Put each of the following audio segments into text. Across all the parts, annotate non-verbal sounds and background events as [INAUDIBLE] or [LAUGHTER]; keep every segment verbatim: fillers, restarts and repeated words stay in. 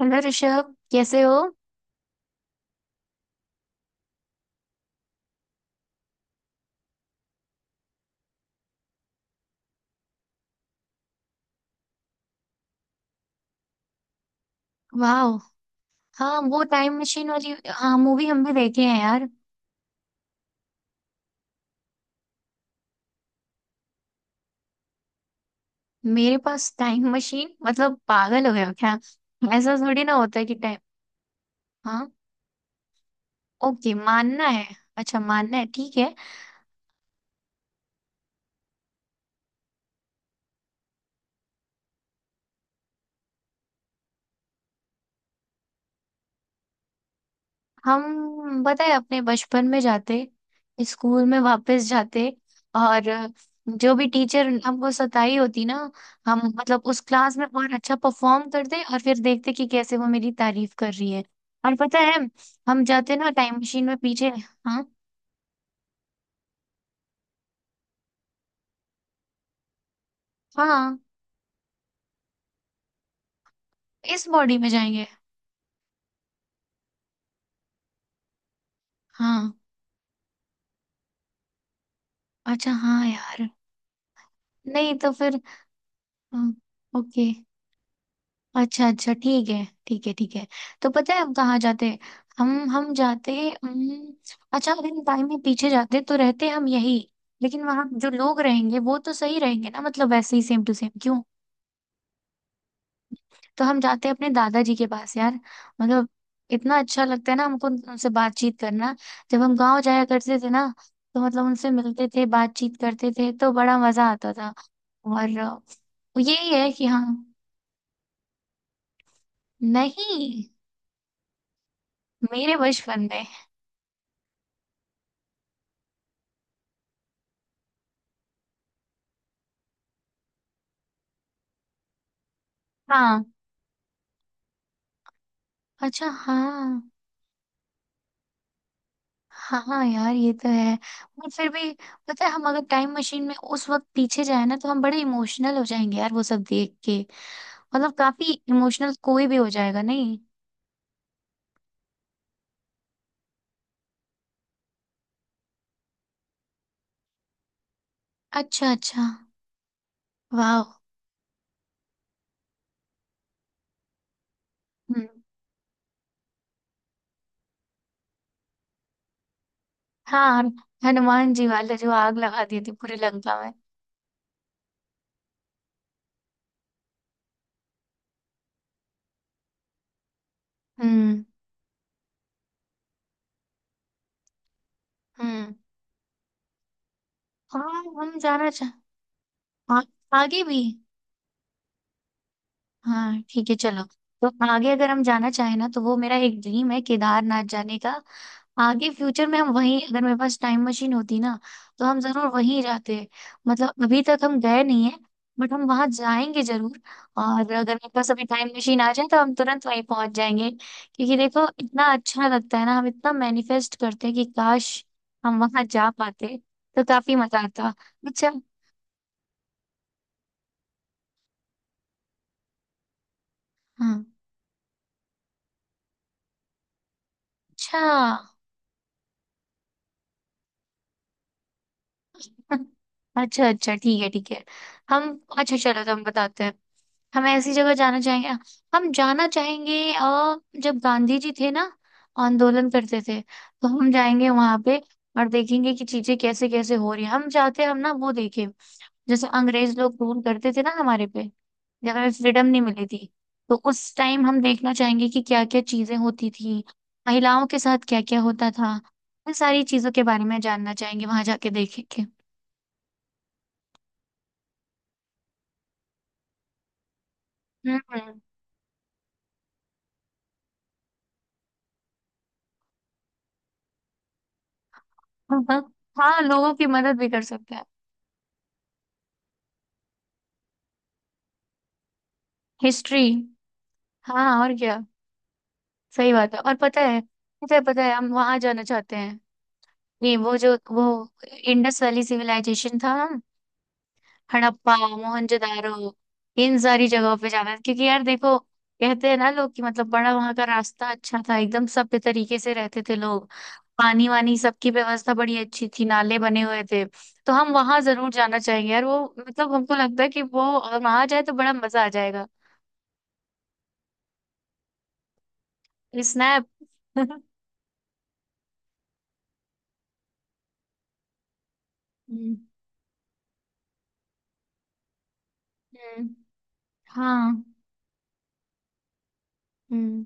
Hello Rishabh, कैसे हो? वाह। हाँ, वो टाइम मशीन वाली, हाँ मूवी हम भी देखे हैं यार। मेरे पास टाइम मशीन? मतलब पागल हो गए हो क्या? ऐसा थोड़ी ना होता है कि टाइम। हाँ, ओके, मानना है। अच्छा, मानना है, ठीक है। हम बताए, अपने बचपन में जाते, स्कूल में वापस जाते। और जो भी टीचर हमको सताई होती ना, हम मतलब उस क्लास में और अच्छा परफॉर्म करते, और फिर देखते कि कैसे वो मेरी तारीफ कर रही है। और पता है, हम जाते ना टाइम मशीन में पीछे। हाँ। हाँ, इस बॉडी में जाएंगे। हाँ। अच्छा, हाँ यार। नहीं, तो फिर हाँ, ओके। अच्छा अच्छा ठीक है। ठीक है ठीक है। तो पता है हम कहाँ जाते? हम हम जाते। हम्म, अच्छा अगर इन टाइम में पीछे जाते तो रहते हम यही। लेकिन वहां जो लोग रहेंगे वो तो सही रहेंगे ना, मतलब वैसे ही, सेम टू सेम क्यों। तो हम जाते हैं अपने दादाजी के पास यार। मतलब इतना अच्छा लगता है ना हमको उन- उनसे बातचीत करना। जब हम गांव जाया करते थे ना, तो मतलब उनसे मिलते थे, बातचीत करते थे, तो बड़ा मजा आता था। और अ, यही है कि हाँ। नहीं, मेरे बचपन में। हाँ। अच्छा। हाँ हाँ यार, ये तो है। पर फिर भी, पता है हम अगर टाइम मशीन में उस वक्त पीछे जाए ना, तो हम बड़े इमोशनल हो जाएंगे यार, वो सब देख के। मतलब काफी इमोशनल कोई भी हो जाएगा नहीं? अच्छा अच्छा। वाह। हम्म। हाँ, और हनुमान जी वाले जो आग लगा दी थी पूरी लंका में। हम्म। हम्म। हाँ, हम जाना चाह। आ, आगे भी। हाँ ठीक है, चलो। तो आगे अगर हम जाना चाहें ना, तो वो मेरा एक ड्रीम है केदारनाथ जाने का। आगे फ्यूचर में हम वहीं, अगर मेरे पास टाइम मशीन होती ना, तो हम जरूर वहीं जाते। मतलब अभी तक हम गए नहीं है, बट हम वहां जाएंगे जरूर। और अगर मेरे पास अभी टाइम मशीन आ जाए, तो हम तुरंत वहीं पहुंच जाएंगे, क्योंकि देखो इतना अच्छा लगता है ना, हम इतना मैनिफेस्ट करते हैं कि काश हम वहां जा पाते, तो काफी मजा आता। अच्छा। हाँ। अच्छा। [LAUGHS] अच्छा अच्छा ठीक है ठीक है। हम। अच्छा चलो तो हम बताते हैं। हम ऐसी जगह जाना चाहेंगे। हम जाना चाहेंगे अ, जब गांधी जी थे ना, आंदोलन करते थे, तो हम जाएंगे वहां पे और देखेंगे कि चीजें कैसे कैसे हो रही है। हम चाहते हम ना वो देखें, जैसे अंग्रेज लोग रूल करते थे ना हमारे पे, जब हमें फ्रीडम नहीं मिली थी। तो उस टाइम हम देखना चाहेंगे कि क्या क्या चीजें होती थी, महिलाओं के साथ क्या क्या होता था। इन सारी चीजों के बारे में जानना चाहेंगे, वहां जाके देखेंगे। हम्म। हम्म। हाँ, लोगों की मदद भी कर सकते हैं। हिस्ट्री। हाँ, और क्या। सही बात है। और पता है, पता है पता है हम वहां जाना चाहते हैं। नहीं, वो जो वो इंडस वैली सिविलाइजेशन था, हम हड़प्पा मोहनजोदारो, इन सारी जगहों पे जाना है। क्योंकि यार देखो, कहते हैं ना लोग कि मतलब बड़ा वहां का रास्ता अच्छा था, एकदम सभ्य तरीके से रहते थे लोग, पानी वानी सबकी व्यवस्था बड़ी अच्छी थी, नाले बने हुए थे। तो हम वहां जरूर जाना चाहेंगे यार, वो मतलब हमको लगता है कि वो अगर वहां जाए तो बड़ा मजा आ जाएगा। स्नैप। [LAUGHS] हम्म। हम्म, हाँ। हम्म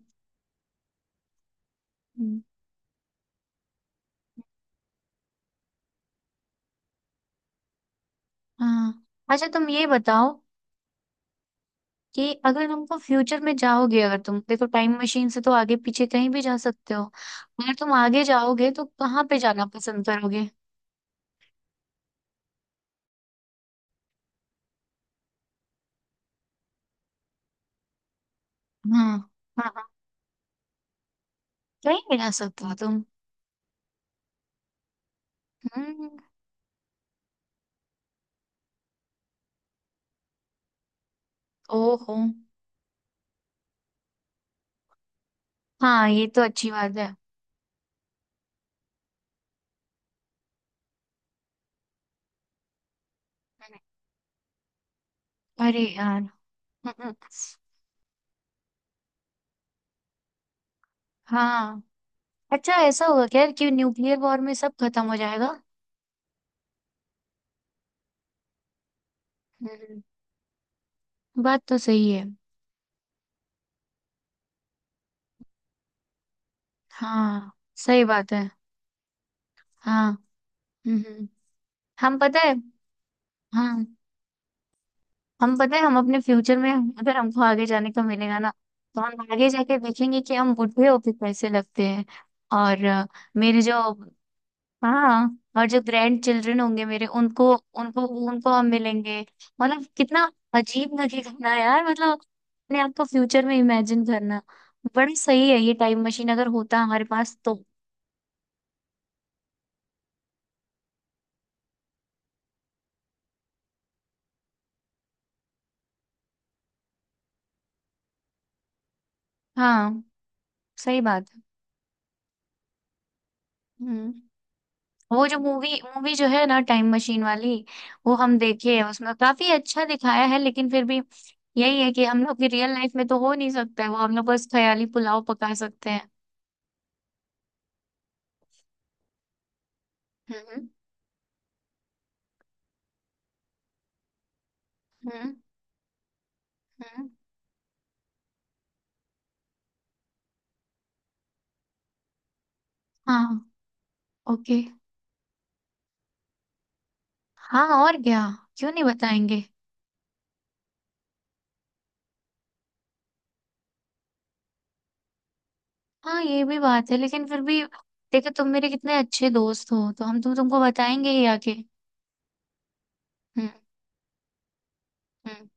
हम्म, हाँ। अच्छा तुम ये बताओ कि अगर तुमको फ्यूचर में जाओगे, अगर तुम देखो टाइम मशीन से, तो आगे पीछे कहीं भी जा सकते हो। अगर तुम आगे जाओगे तो कहाँ पे जाना पसंद करोगे? हाँ। हाँ। हाँ, कहीं भी जा सकते हो तुम। हम्म। ओहो। हाँ ये तो अच्छी बात है। अरे यार। [LAUGHS] हम्म, हाँ। अच्छा ऐसा होगा क्या कि न्यूक्लियर वॉर में सब खत्म हो जाएगा? हम्म। बात तो सही है। हाँ। सही बात है। हाँ। हम्म। हम पता है हाँ हम पता है हम अपने फ्यूचर में, अगर हमको आगे जाने का मिलेगा ना, तो हम आगे जाके देखेंगे कि हम बुढ़े होके कैसे लगते हैं। और अ, मेरे जो, हाँ, और जो ग्रैंड चिल्ड्रन होंगे मेरे, उनको, उनको उनको हम मिलेंगे। मतलब कितना अजीब लगेगा ना यार, मतलब अपने आप को फ्यूचर में इमेजिन करना। बड़ी सही है ये टाइम मशीन, अगर होता हमारे पास तो। हाँ सही बात है। हम्म। वो जो मूवी मूवी जो है ना टाइम मशीन वाली, वो हम देखे हैं, उसमें काफी अच्छा दिखाया है। लेकिन फिर भी यही है कि हम लोग की रियल लाइफ में तो हो नहीं सकता है वो, हम लोग बस ख्याली पुलाव पका सकते हैं। हम्म। हम्म। हम्म। हाँ। ओके। हाँ और क्या, क्यों नहीं बताएंगे। हाँ ये भी बात है, लेकिन फिर भी देखो, तुम मेरे कितने अच्छे दोस्त हो, तो हम तुम तुमको बताएंगे ही आके। हम्म। हम्म।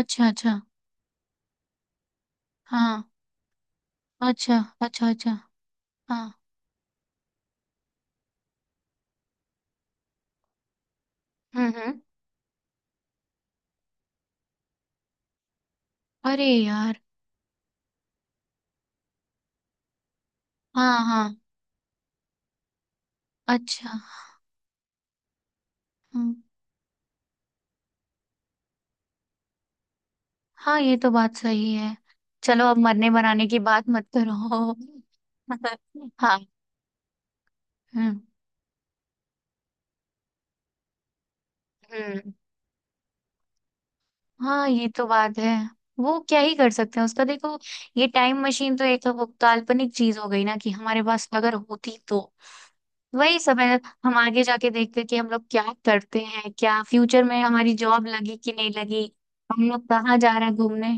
अच्छा अच्छा। हाँ। अच्छा अच्छा अच्छा। हाँ। हम्म। हम्म। अरे यार। हाँ हाँ। अच्छा। हम्म, हाँ ये तो बात सही है। चलो, अब मरने बनाने की बात मत करो। [LAUGHS] हाँ। हम्म। हम्म। हाँ ये तो बात है। वो क्या ही कर सकते हैं उसका, देखो, ये टाइम मशीन तो एक वो काल्पनिक चीज हो गई ना, कि हमारे पास अगर होती तो वही समय, हम आगे जाके देखते कि हम लोग क्या करते हैं, क्या फ्यूचर में हमारी जॉब लगी कि नहीं लगी, हम लोग कहाँ जा रहे हैं घूमने।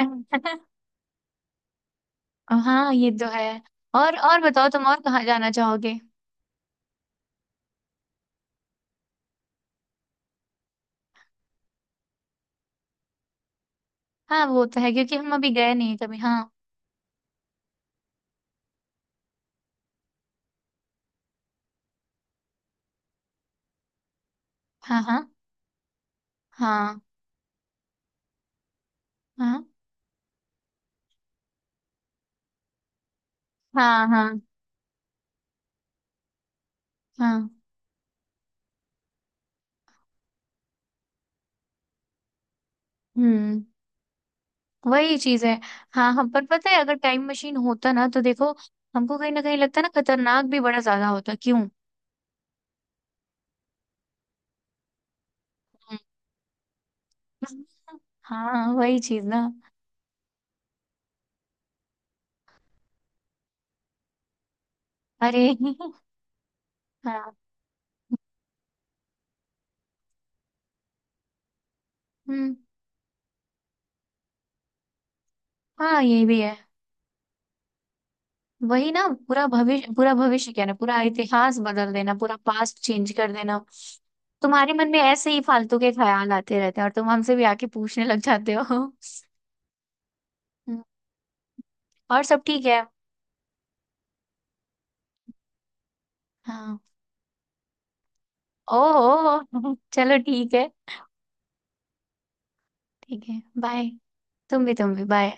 हम्म। [LAUGHS] हाँ ये तो है। और और बताओ तुम, और कहाँ जाना चाहोगे? हाँ वो तो है, क्योंकि हम अभी गए नहीं कभी। हाँ। हाँ। हाँ। हाँ। हाँ। हाँ। हाँ। हाँ। हम्म। वही चीज है। हाँ, हम पर पता है अगर टाइम मशीन होता ना, तो देखो हमको कहीं ना कहीं लगता ना, खतरनाक भी बड़ा ज्यादा होता क्यों। हम्म। हाँ वही चीज ना। अरे। [LAUGHS] हाँ। हम्म। हाँ ये भी है। वही ना, पूरा भविष्य पूरा भविष्य क्या ना, पूरा इतिहास बदल देना, पूरा पास्ट चेंज कर देना। तुम्हारे मन में ऐसे ही फालतू के ख्याल आते रहते हैं, और तुम हमसे भी आके पूछने लग जाते हो। हम्म, और सब ठीक है? हाँ। ओह चलो, ठीक है। ठीक है, बाय। तुम भी, तुम भी बाय।